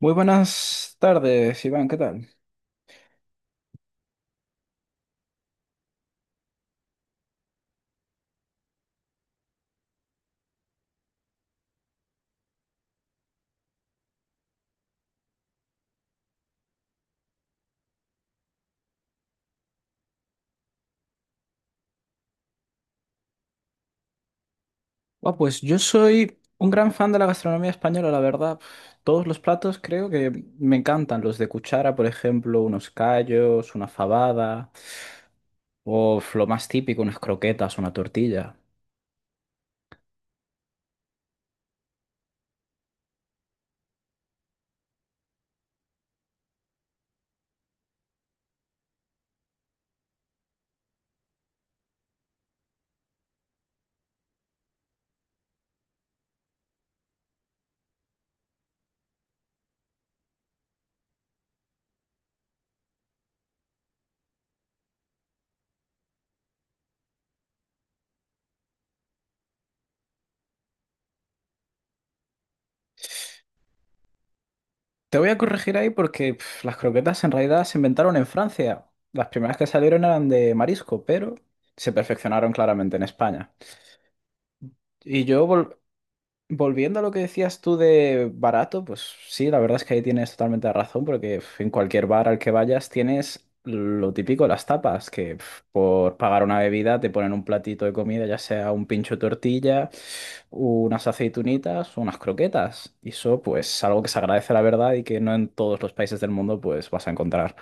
Muy buenas tardes, Iván, ¿qué tal? Buah, pues yo soy un gran fan de la gastronomía española, la verdad. Todos los platos creo que me encantan. Los de cuchara, por ejemplo, unos callos, una fabada, o lo más típico, unas croquetas, una tortilla. Te voy a corregir ahí porque las croquetas en realidad se inventaron en Francia. Las primeras que salieron eran de marisco, pero se perfeccionaron claramente en España. Y yo vol- Volviendo a lo que decías tú de barato, pues sí, la verdad es que ahí tienes totalmente la razón, porque en cualquier bar al que vayas tienes lo típico, las tapas, que por pagar una bebida te ponen un platito de comida, ya sea un pincho de tortilla, unas aceitunitas, unas croquetas. Y eso, pues, algo que se agradece, la verdad, y que no en todos los países del mundo, pues, vas a encontrar.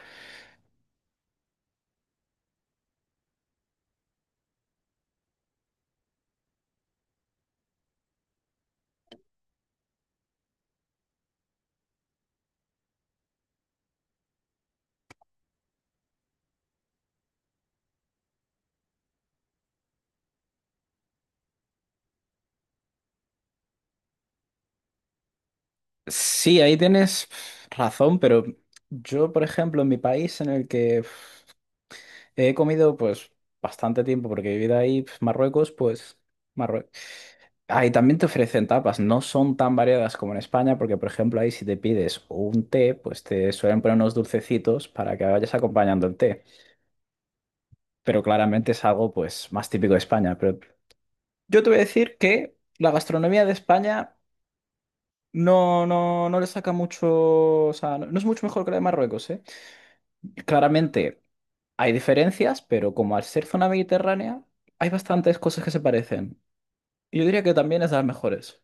Sí, ahí tienes razón, pero yo, por ejemplo, en mi país, en el que he comido pues bastante tiempo porque he vivido ahí, pues, Marruecos. Ahí también te ofrecen tapas, no son tan variadas como en España, porque por ejemplo ahí si te pides un té, pues te suelen poner unos dulcecitos para que vayas acompañando el té. Pero claramente es algo pues más típico de España. Pero yo te voy a decir que la gastronomía de España no le saca mucho, o sea, no es mucho mejor que la de Marruecos, ¿eh? Claramente hay diferencias, pero como al ser zona mediterránea, hay bastantes cosas que se parecen. Yo diría que también es de las mejores.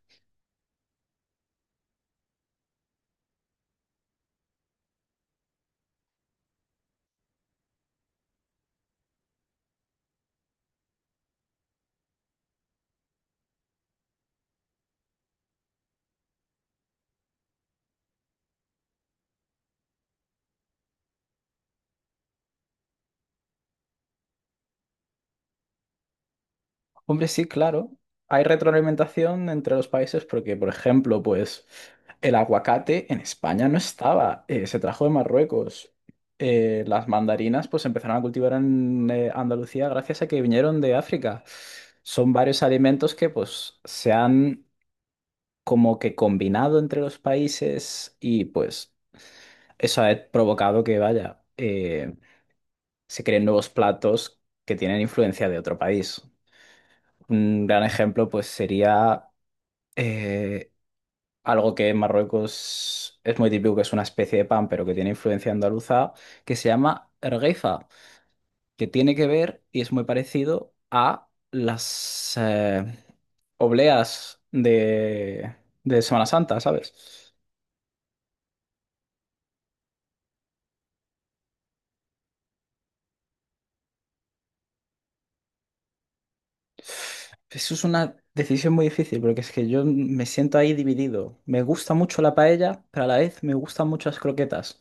Hombre, sí, claro, hay retroalimentación entre los países porque, por ejemplo, pues el aguacate en España no estaba, se trajo de Marruecos. Las mandarinas pues se empezaron a cultivar en Andalucía gracias a que vinieron de África. Son varios alimentos que pues se han como que combinado entre los países y pues eso ha provocado que, vaya, se creen nuevos platos que tienen influencia de otro país. Un gran ejemplo, pues, sería eh, algo que en Marruecos es muy típico, que es una especie de pan, pero que tiene influencia andaluza, que se llama ergueifa, que tiene que ver y es muy parecido a las obleas de Semana Santa, ¿sabes? Eso es una decisión muy difícil porque es que yo me siento ahí dividido. Me gusta mucho la paella, pero a la vez me gustan muchas croquetas.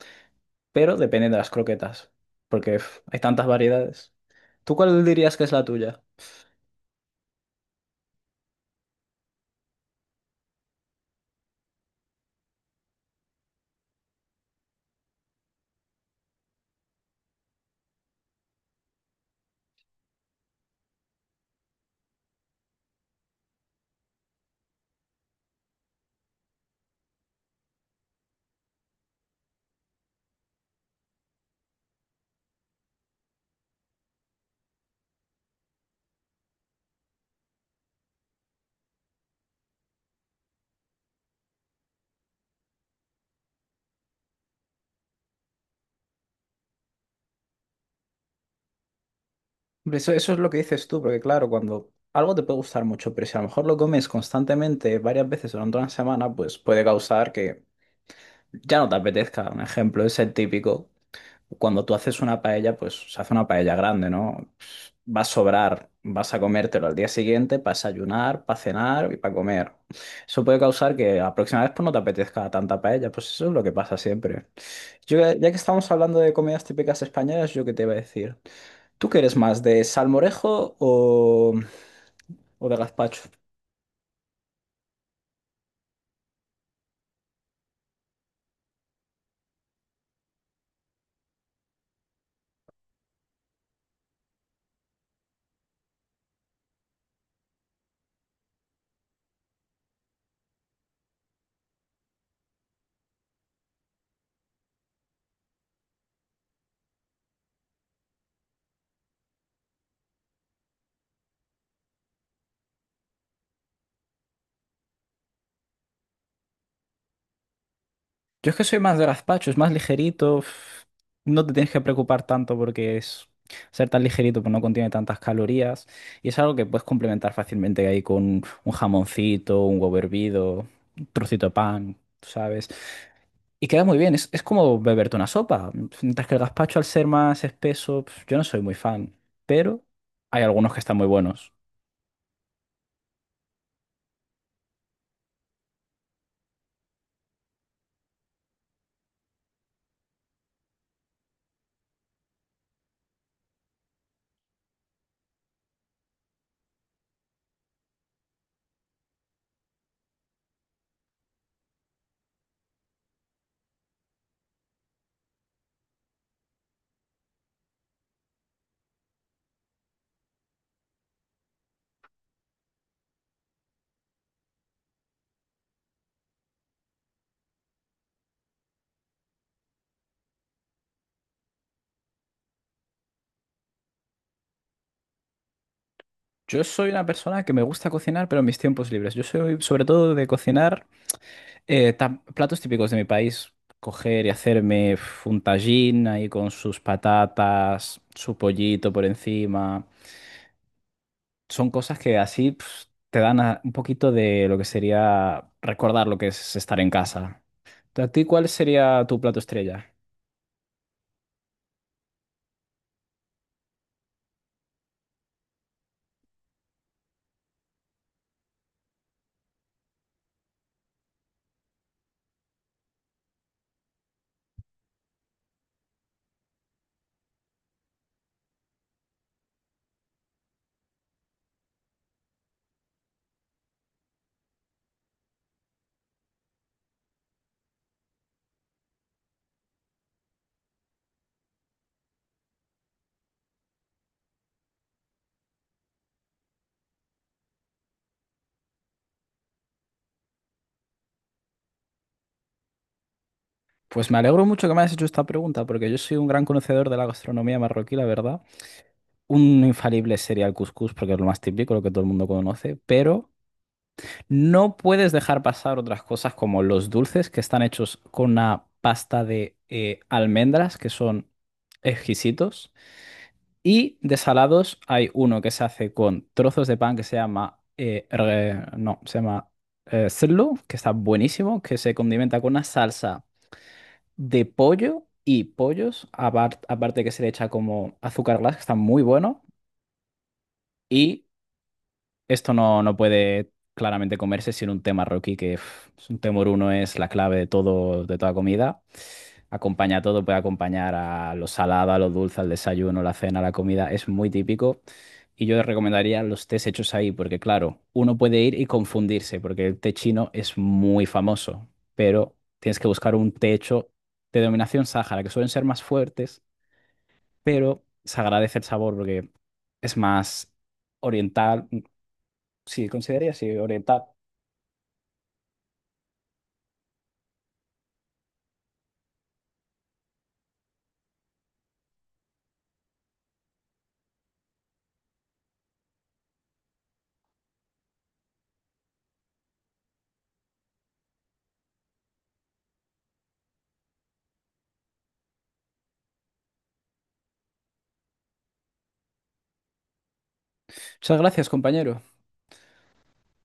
Pero depende de las croquetas, porque uf, hay tantas variedades. ¿Tú cuál dirías que es la tuya? Eso es lo que dices tú, porque claro, cuando algo te puede gustar mucho, pero si a lo mejor lo comes constantemente varias veces durante una semana, pues puede causar que ya no te apetezca. Un ejemplo es el típico. Cuando tú haces una paella, pues se hace una paella grande, ¿no? Va a sobrar, vas a comértelo al día siguiente para desayunar, para cenar y para comer. Eso puede causar que la próxima vez pues, no te apetezca tanta paella, pues eso es lo que pasa siempre. Yo, ya que estamos hablando de comidas típicas españolas, yo qué te iba a decir. ¿Tú qué eres más, de salmorejo o de gazpacho? Yo es que soy más de gazpacho, es más ligerito. No te tienes que preocupar tanto porque es ser tan ligerito, pues no contiene tantas calorías. Y es algo que puedes complementar fácilmente ahí con un jamoncito, un huevo hervido, un trocito de pan, tú ¿sabes? Y queda muy bien, es como beberte una sopa. Mientras que el gazpacho, al ser más espeso, yo no soy muy fan. Pero hay algunos que están muy buenos. Yo soy una persona que me gusta cocinar, pero en mis tiempos libres. Yo soy sobre todo de cocinar. Platos típicos de mi país, coger y hacerme uf, un tajín ahí con sus patatas, su pollito por encima. Son cosas que así te dan un poquito de lo que sería recordar lo que es estar en casa. ¿A ti cuál sería tu plato estrella? Pues me alegro mucho que me hayas hecho esta pregunta, porque yo soy un gran conocedor de la gastronomía marroquí, la verdad. Un infalible sería el cuscús, porque es lo más típico, lo que todo el mundo conoce, pero... No puedes dejar pasar otras cosas como los dulces que están hechos con una pasta de almendras que son exquisitos. Y de salados hay uno que se hace con trozos de pan que se llama, re- no, se llama serlo, que está buenísimo, que se condimenta con una salsa de pollo y pollos, aparte que se le echa como azúcar glass, que está muy bueno. Y Esto no puede claramente comerse sin un tema Rocky, que es un temor uno es la clave de todo, de toda comida. Acompaña todo, puede acompañar a lo salado, a lo dulce, al desayuno, la cena, la comida. Es muy típico. Y yo recomendaría los tés hechos ahí, porque claro, uno puede ir y confundirse, porque el té chino es muy famoso, pero tienes que buscar un té hecho de denominación sáhara, que suelen ser más fuertes, pero se agradece el sabor porque es más oriental. Sí, consideraría así, oriental. Muchas gracias, compañero.